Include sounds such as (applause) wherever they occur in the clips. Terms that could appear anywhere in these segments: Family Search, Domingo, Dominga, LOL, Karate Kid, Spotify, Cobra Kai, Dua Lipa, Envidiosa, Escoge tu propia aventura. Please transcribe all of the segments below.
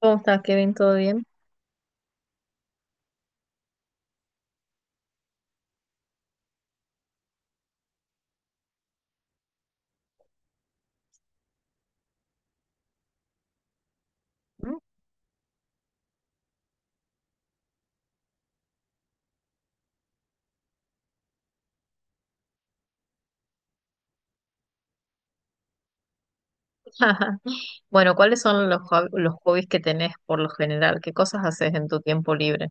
¿Cómo estás, Kevin? ¿Todo bien? Mm. (laughs) Bueno, ¿cuáles son los hobbies que tenés por lo general? ¿Qué cosas haces en tu tiempo libre?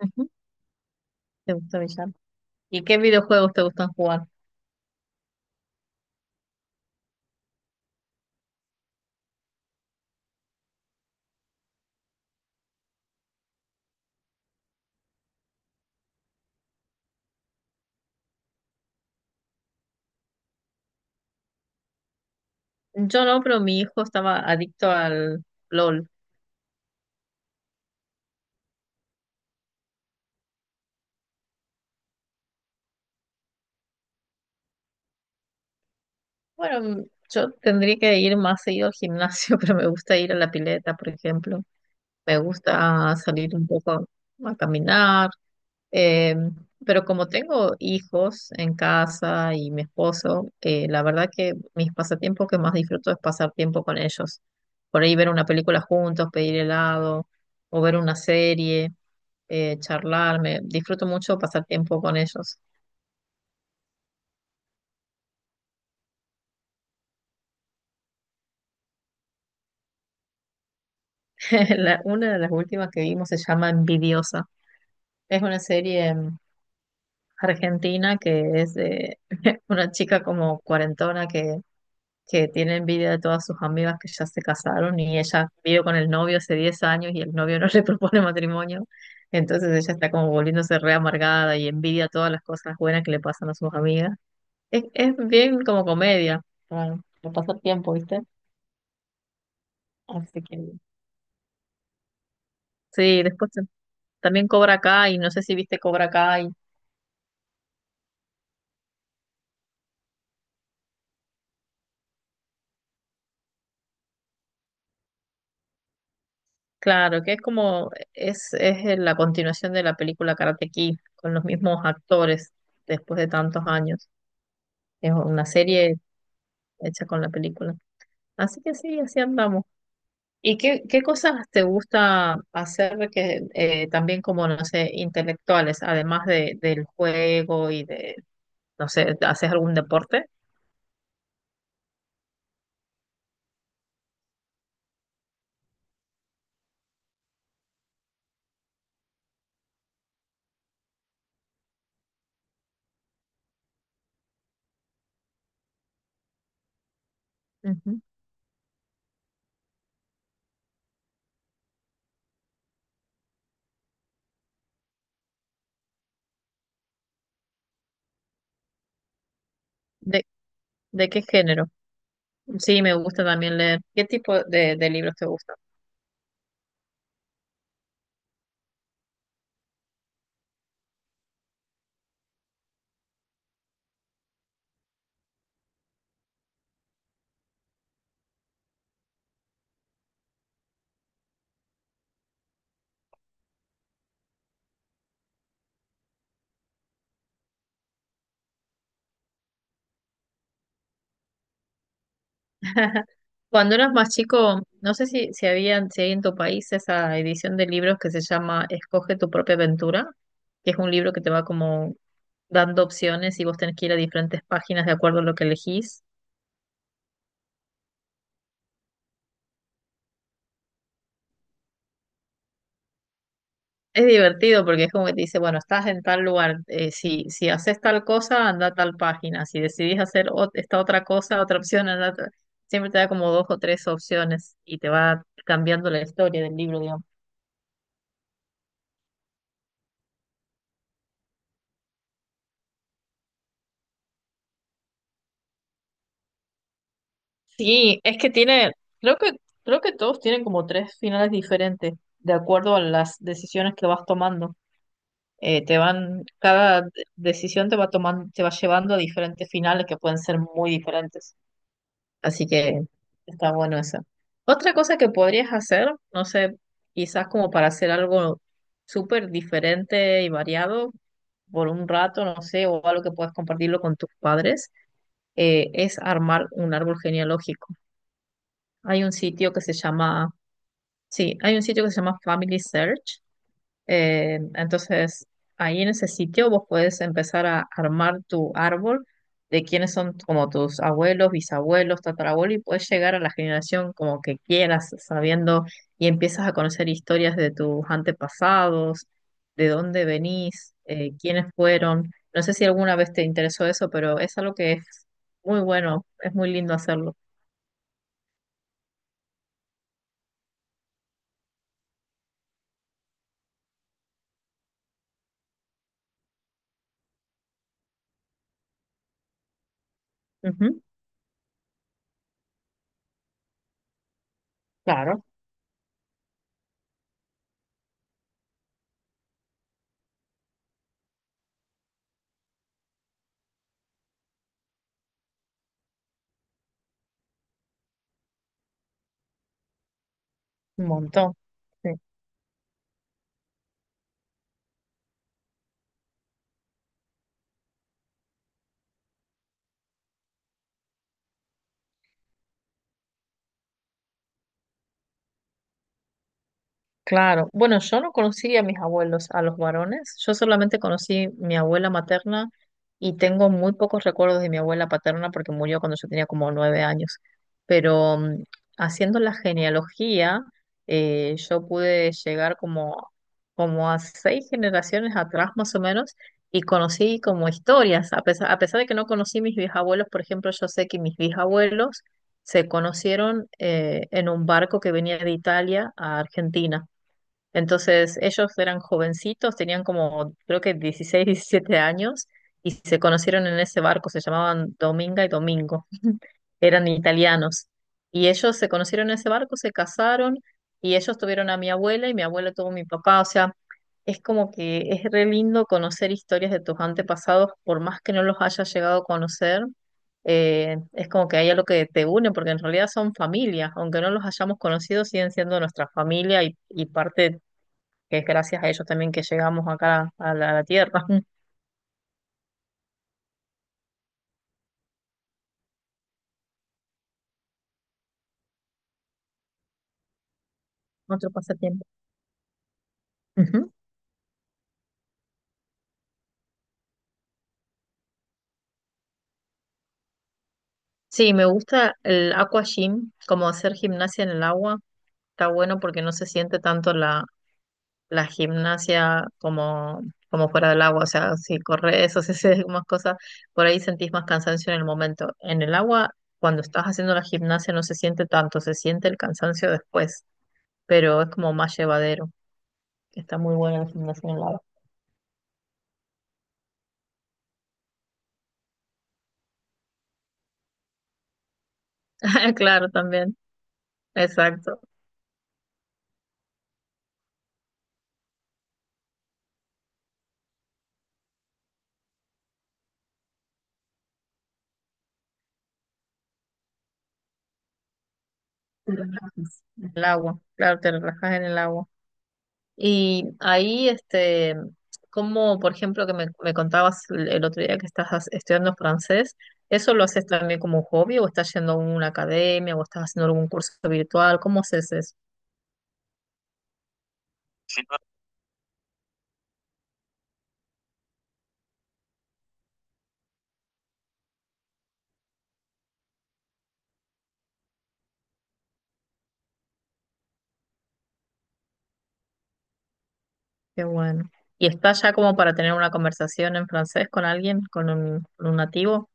Ujú. ¿Te gusta billar? ¿Y qué videojuegos te gustan jugar? Yo no, pero mi hijo estaba adicto al LOL. Bueno, yo tendría que ir más seguido al gimnasio, (laughs) pero me gusta ir a la pileta, por ejemplo. Me gusta salir un poco a caminar. Eh, pero como tengo hijos en casa y mi esposo, la verdad que mis pasatiempos que más disfruto es pasar tiempo con ellos. Por ahí ver una película juntos, pedir helado o ver una serie, charlar. Me disfruto mucho pasar tiempo con ellos. (laughs) Una de las últimas que vimos se llama Envidiosa. Es una serie argentina que es de (laughs) una chica como cuarentona que tiene envidia de todas sus amigas que ya se casaron y ella vive con el novio hace 10 años y el novio no (laughs) le propone matrimonio. Entonces ella está como volviéndose re amargada y envidia todas las cosas buenas que le pasan a sus amigas. Es bien como comedia, para pasar tiempo, ¿viste? Así que sí, después también Cobra Kai, no sé si viste Cobra Kai. Claro, que es como, es la continuación de la película Karate Kid, con los mismos actores después de tantos años. Es una serie hecha con la película. Así que sí, así andamos. ¿Y qué cosas te gusta hacer que también como, no sé, intelectuales, además del juego y de, no sé, ¿haces algún deporte? Ujú. ¿De, de qué género? Sí, me gusta también leer. ¿Qué tipo de libros te gustan? (laughs) Cuando eras más chico, no sé si, si hay en tu país esa edición de libros que se llama Escoge tu propia aventura, que es un libro que te va como dando opciones y vos tenés que ir a diferentes páginas de acuerdo a lo que elegís. Es divertido porque es como que te dice, bueno, estás en tal lugar, si, si haces tal cosa, anda a tal página, si decidís hacer ot- esta otra cosa, otra opción, anda a otra. Siempre te da como dos o tres opciones y te va cambiando la historia del libro, digamos. Sí, es que tiene, creo que, creo que todos tienen como tres finales diferentes, de acuerdo a las decisiones que vas tomando. Te van, cada decisión te va tomando, te va llevando a diferentes finales que pueden ser muy diferentes. Así que está bueno eso. Otra cosa que podrías hacer, no sé, quizás como para hacer algo súper diferente y variado por un rato, no sé, o algo que puedas compartirlo con tus padres, es armar un árbol genealógico. Hay un sitio que se llama, sí, hay un sitio que se llama Family Search. Entonces, ahí en ese sitio vos podés empezar a armar tu árbol de quiénes son como tus abuelos, bisabuelos, tatarabuelos, y puedes llegar a la generación como que quieras, sabiendo, y empiezas a conocer historias de tus antepasados, de dónde venís, quiénes fueron. No sé si alguna vez te interesó eso, pero es algo que es muy bueno, es muy lindo hacerlo. Ujú, claro. Un montón. Sí. Claro, bueno, yo no conocí a mis abuelos, a los varones, yo solamente conocí mi abuela materna y tengo muy pocos recuerdos de mi abuela paterna porque murió cuando yo tenía como 9 años. Pero haciendo la genealogía, yo pude llegar como, como a seis generaciones atrás más o menos y conocí como historias, a pesar de que no conocí mis bisabuelos, por ejemplo, yo sé que mis bisabuelos se conocieron en un barco que venía de Italia a Argentina. Entonces, ellos eran jovencitos, tenían como, creo que 16, 17 años, y se conocieron en ese barco, se llamaban Dominga y Domingo, eran italianos. Y ellos se conocieron en ese barco, se casaron, y ellos tuvieron a mi abuela, y mi abuela tuvo a mi papá. O sea, es como que es re lindo conocer historias de tus antepasados, por más que no los hayas llegado a conocer. Eh, es como que hay algo que te une, porque en realidad son familias, aunque no los hayamos conocido, siguen siendo nuestra familia y parte que es gracias a ellos también que llegamos acá a a la tierra. (laughs) Otro pasatiempo. Ujú. Sí, me gusta el aqua gym, como hacer gimnasia en el agua. Está bueno porque no se siente tanto la gimnasia como fuera del agua. O sea, si corres o (laughs) si haces más cosas, por ahí sentís más cansancio en el momento. En el agua, cuando estás haciendo la gimnasia, no se siente tanto, se siente el cansancio después, pero es como más llevadero. Está muy buena la gimnasia en el agua. (laughs) Claro, también. Exacto. Te relajas. En el agua, claro, te relajas en el agua. Y ahí, este, como por ejemplo que me contabas el otro día que estás estudiando francés, ¿eso lo haces también como hobby o estás yendo a una academia o estás haciendo algún curso virtual? ¿Cómo haces eso? Qué bueno. ¿Y estás ya como para tener una conversación en francés con alguien, con un nativo?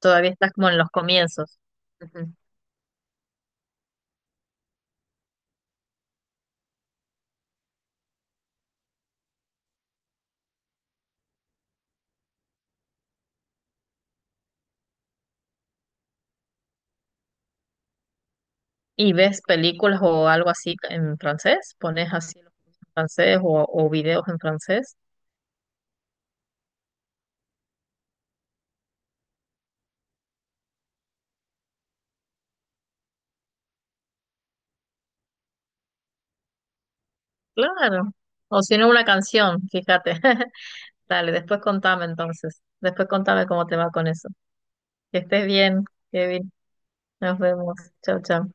Todavía estás como en los comienzos. Y ves películas o algo así en francés, pones así los en francés o videos en francés, claro. O si no, una canción, fíjate. (laughs) Dale, después contame entonces. Después contame cómo te va con eso. Que estés bien, Kevin. Nos vemos. Chao, chao.